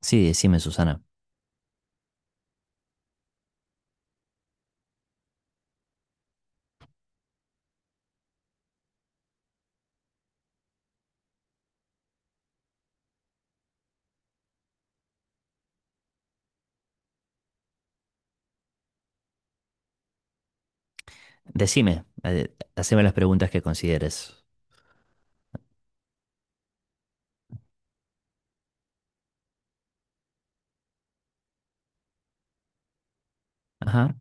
Sí, decime, Susana. Decime, haceme las preguntas que consideres. Ajá.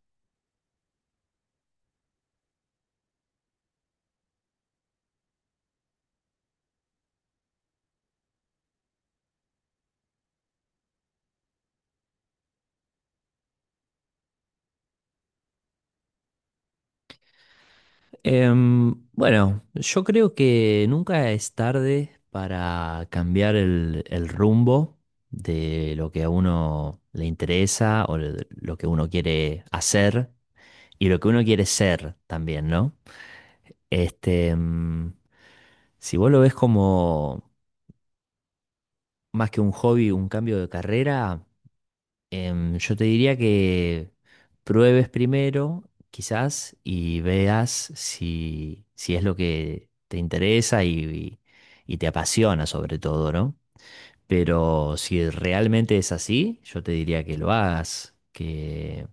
Bueno, yo creo que nunca es tarde para cambiar el rumbo de lo que a uno le interesa o de lo que uno quiere hacer y lo que uno quiere ser también, ¿no? Este, em, si vos lo ves como más que un hobby, un cambio de carrera, yo te diría que pruebes primero, quizás, y veas si es lo que te interesa y te apasiona sobre todo, ¿no? Pero si realmente es así, yo te diría que lo hagas, que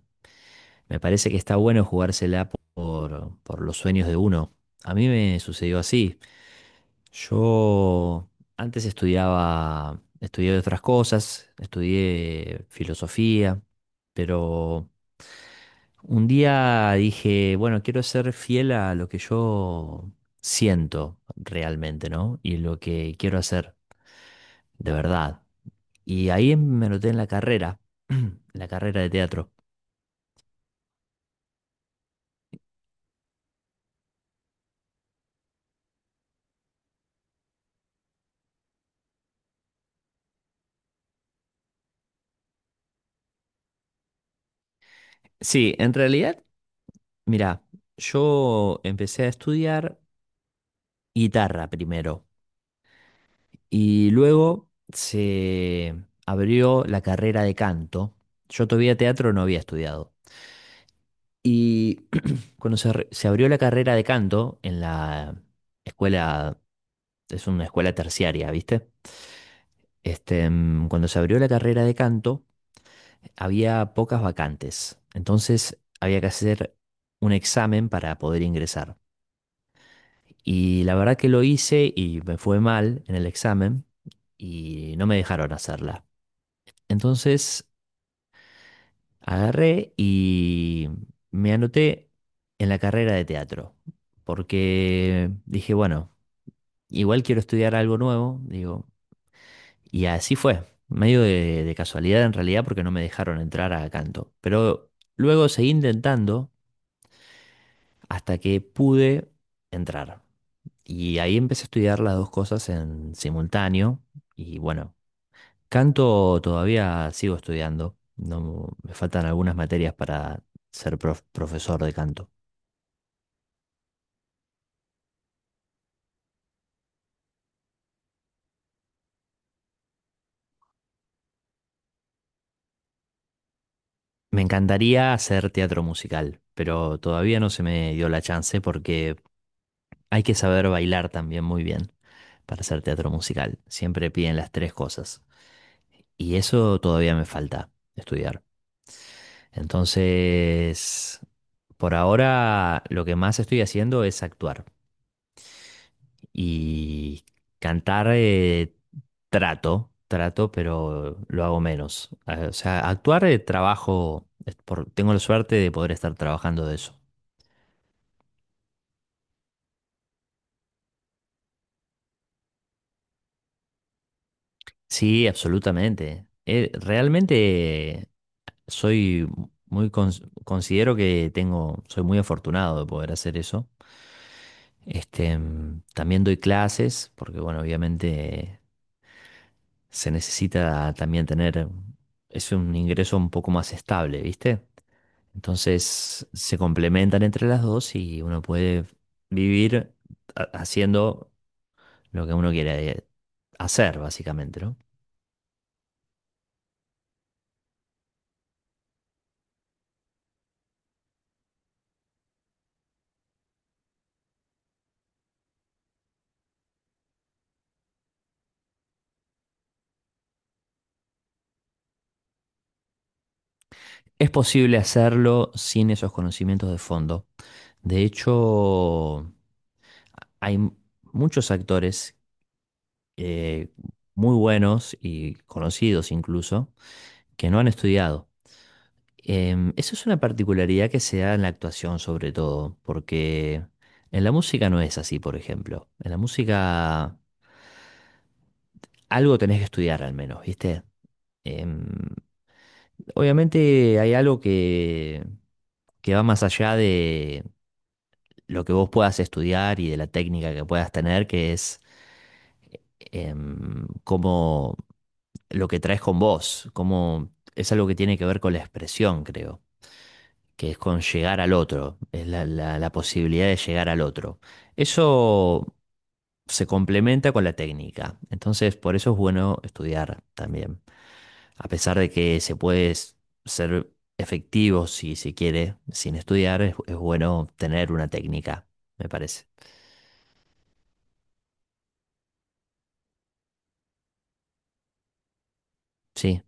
me parece que está bueno jugársela por los sueños de uno. A mí me sucedió así. Yo antes estudié otras cosas, estudié filosofía, pero un día dije, bueno, quiero ser fiel a lo que yo siento realmente, ¿no? Y lo que quiero hacer de verdad. Y ahí me noté en la carrera, en la carrera de teatro. Sí, en realidad, mira, yo empecé a estudiar guitarra primero y luego se abrió la carrera de canto. Yo todavía teatro no había estudiado. Y cuando se abrió la carrera de canto en la escuela, es una escuela terciaria, ¿viste? Cuando se abrió la carrera de canto, había pocas vacantes. Entonces había que hacer un examen para poder ingresar. Y la verdad que lo hice y me fue mal en el examen y no me dejaron hacerla. Entonces agarré y me anoté en la carrera de teatro. Porque dije, bueno, igual quiero estudiar algo nuevo. Digo, y así fue, medio de casualidad en realidad porque no me dejaron entrar a canto. Pero luego seguí intentando hasta que pude entrar. Y ahí empecé a estudiar las dos cosas en simultáneo. Y bueno, canto todavía sigo estudiando. No, me faltan algunas materias para ser profesor de canto. Me encantaría hacer teatro musical, pero todavía no se me dio la chance porque hay que saber bailar también muy bien para hacer teatro musical. Siempre piden las tres cosas. Y eso todavía me falta estudiar. Entonces, por ahora lo que más estoy haciendo es actuar. Y cantar, pero lo hago menos. O sea, actuar, trabajo, tengo la suerte de poder estar trabajando de eso. Sí, absolutamente. Realmente soy considero que tengo, soy muy afortunado de poder hacer eso. También doy clases, porque bueno, obviamente se necesita también tener, es un ingreso un poco más estable, ¿viste? Entonces se complementan entre las dos y uno puede vivir haciendo lo que uno quiera hacer, básicamente, ¿no? Es posible hacerlo sin esos conocimientos de fondo. De hecho, hay muchos actores, eh, muy buenos y conocidos incluso, que no han estudiado. Eso es una particularidad que se da en la actuación sobre todo, porque en la música no es así, por ejemplo. En la música algo tenés que estudiar al menos, ¿viste? Em, Obviamente hay algo que va más allá de lo que vos puedas estudiar y de la técnica que puedas tener, que es cómo lo que traes con vos, cómo es algo que tiene que ver con la expresión, creo que es con llegar al otro, es la posibilidad de llegar al otro. Eso se complementa con la técnica, entonces por eso es bueno estudiar también, a pesar de que se puede ser efectivo si se quiere sin estudiar, es bueno tener una técnica, me parece. Sí,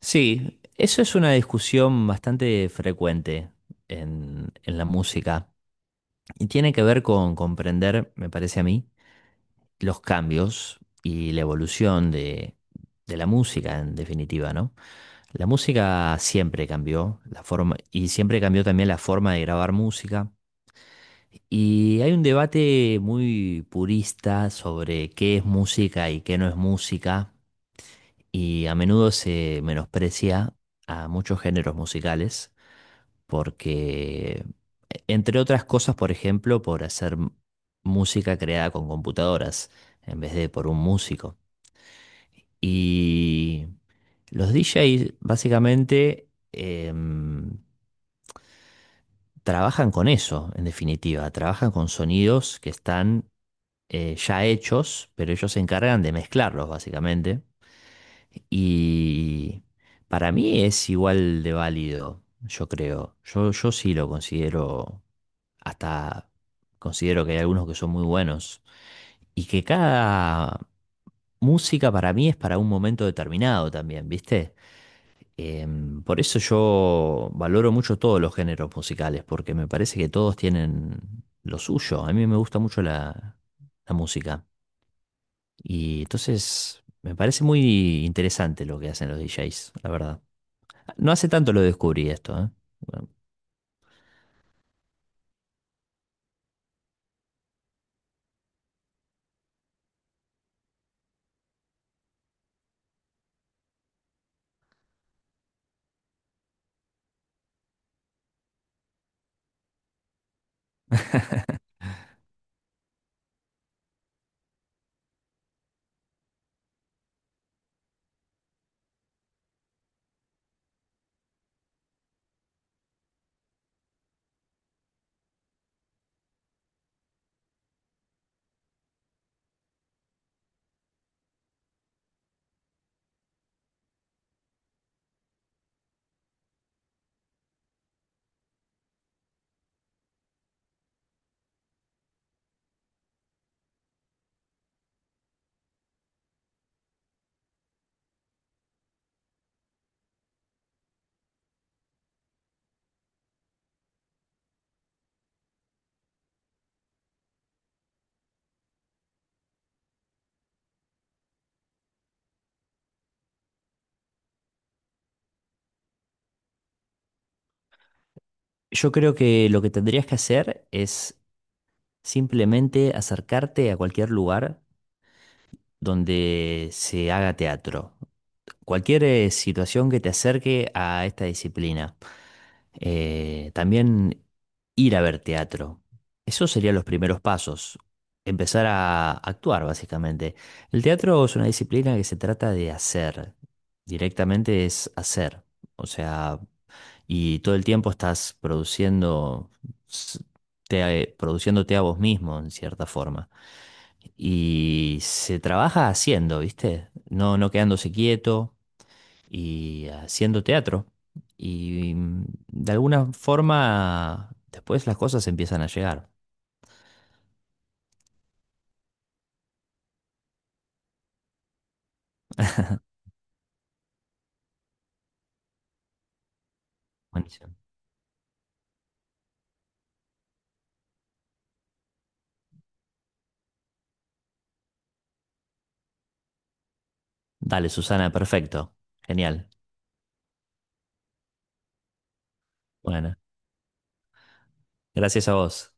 sí, eso es una discusión bastante frecuente en la música y tiene que ver con comprender, me parece a mí, los cambios y la evolución de la música, en definitiva, ¿no? La música siempre cambió, la forma, y siempre cambió también la forma de grabar música. Y hay un debate muy purista sobre qué es música y qué no es música, y a menudo se menosprecia a muchos géneros musicales, porque, entre otras cosas, por ejemplo, por hacer música creada con computadoras en vez de por un músico. Y los DJs básicamente trabajan con eso, en definitiva, trabajan con sonidos que están, ya hechos, pero ellos se encargan de mezclarlos, básicamente. Y para mí es igual de válido, yo creo. Yo sí lo considero, hasta considero que hay algunos que son muy buenos. Y que cada música para mí es para un momento determinado también, ¿viste? Por eso yo valoro mucho todos los géneros musicales, porque me parece que todos tienen lo suyo. A mí me gusta mucho la música. Y entonces me parece muy interesante lo que hacen los DJs, la verdad. No hace tanto lo descubrí esto, ¿eh? Bueno, yo creo que lo que tendrías que hacer es simplemente acercarte a cualquier lugar donde se haga teatro. Cualquier situación que te acerque a esta disciplina. También ir a ver teatro. Esos serían los primeros pasos. Empezar a actuar, básicamente. El teatro es una disciplina que se trata de hacer. Directamente es hacer. O sea, y todo el tiempo estás produciendo. s- Produciéndote a vos mismo, en cierta forma. Y se trabaja haciendo, ¿viste? No, no quedándose quieto y haciendo teatro. Y de alguna forma, después las cosas empiezan a llegar. Buenísimo. Dale, Susana, perfecto. Genial. Bueno, gracias a vos.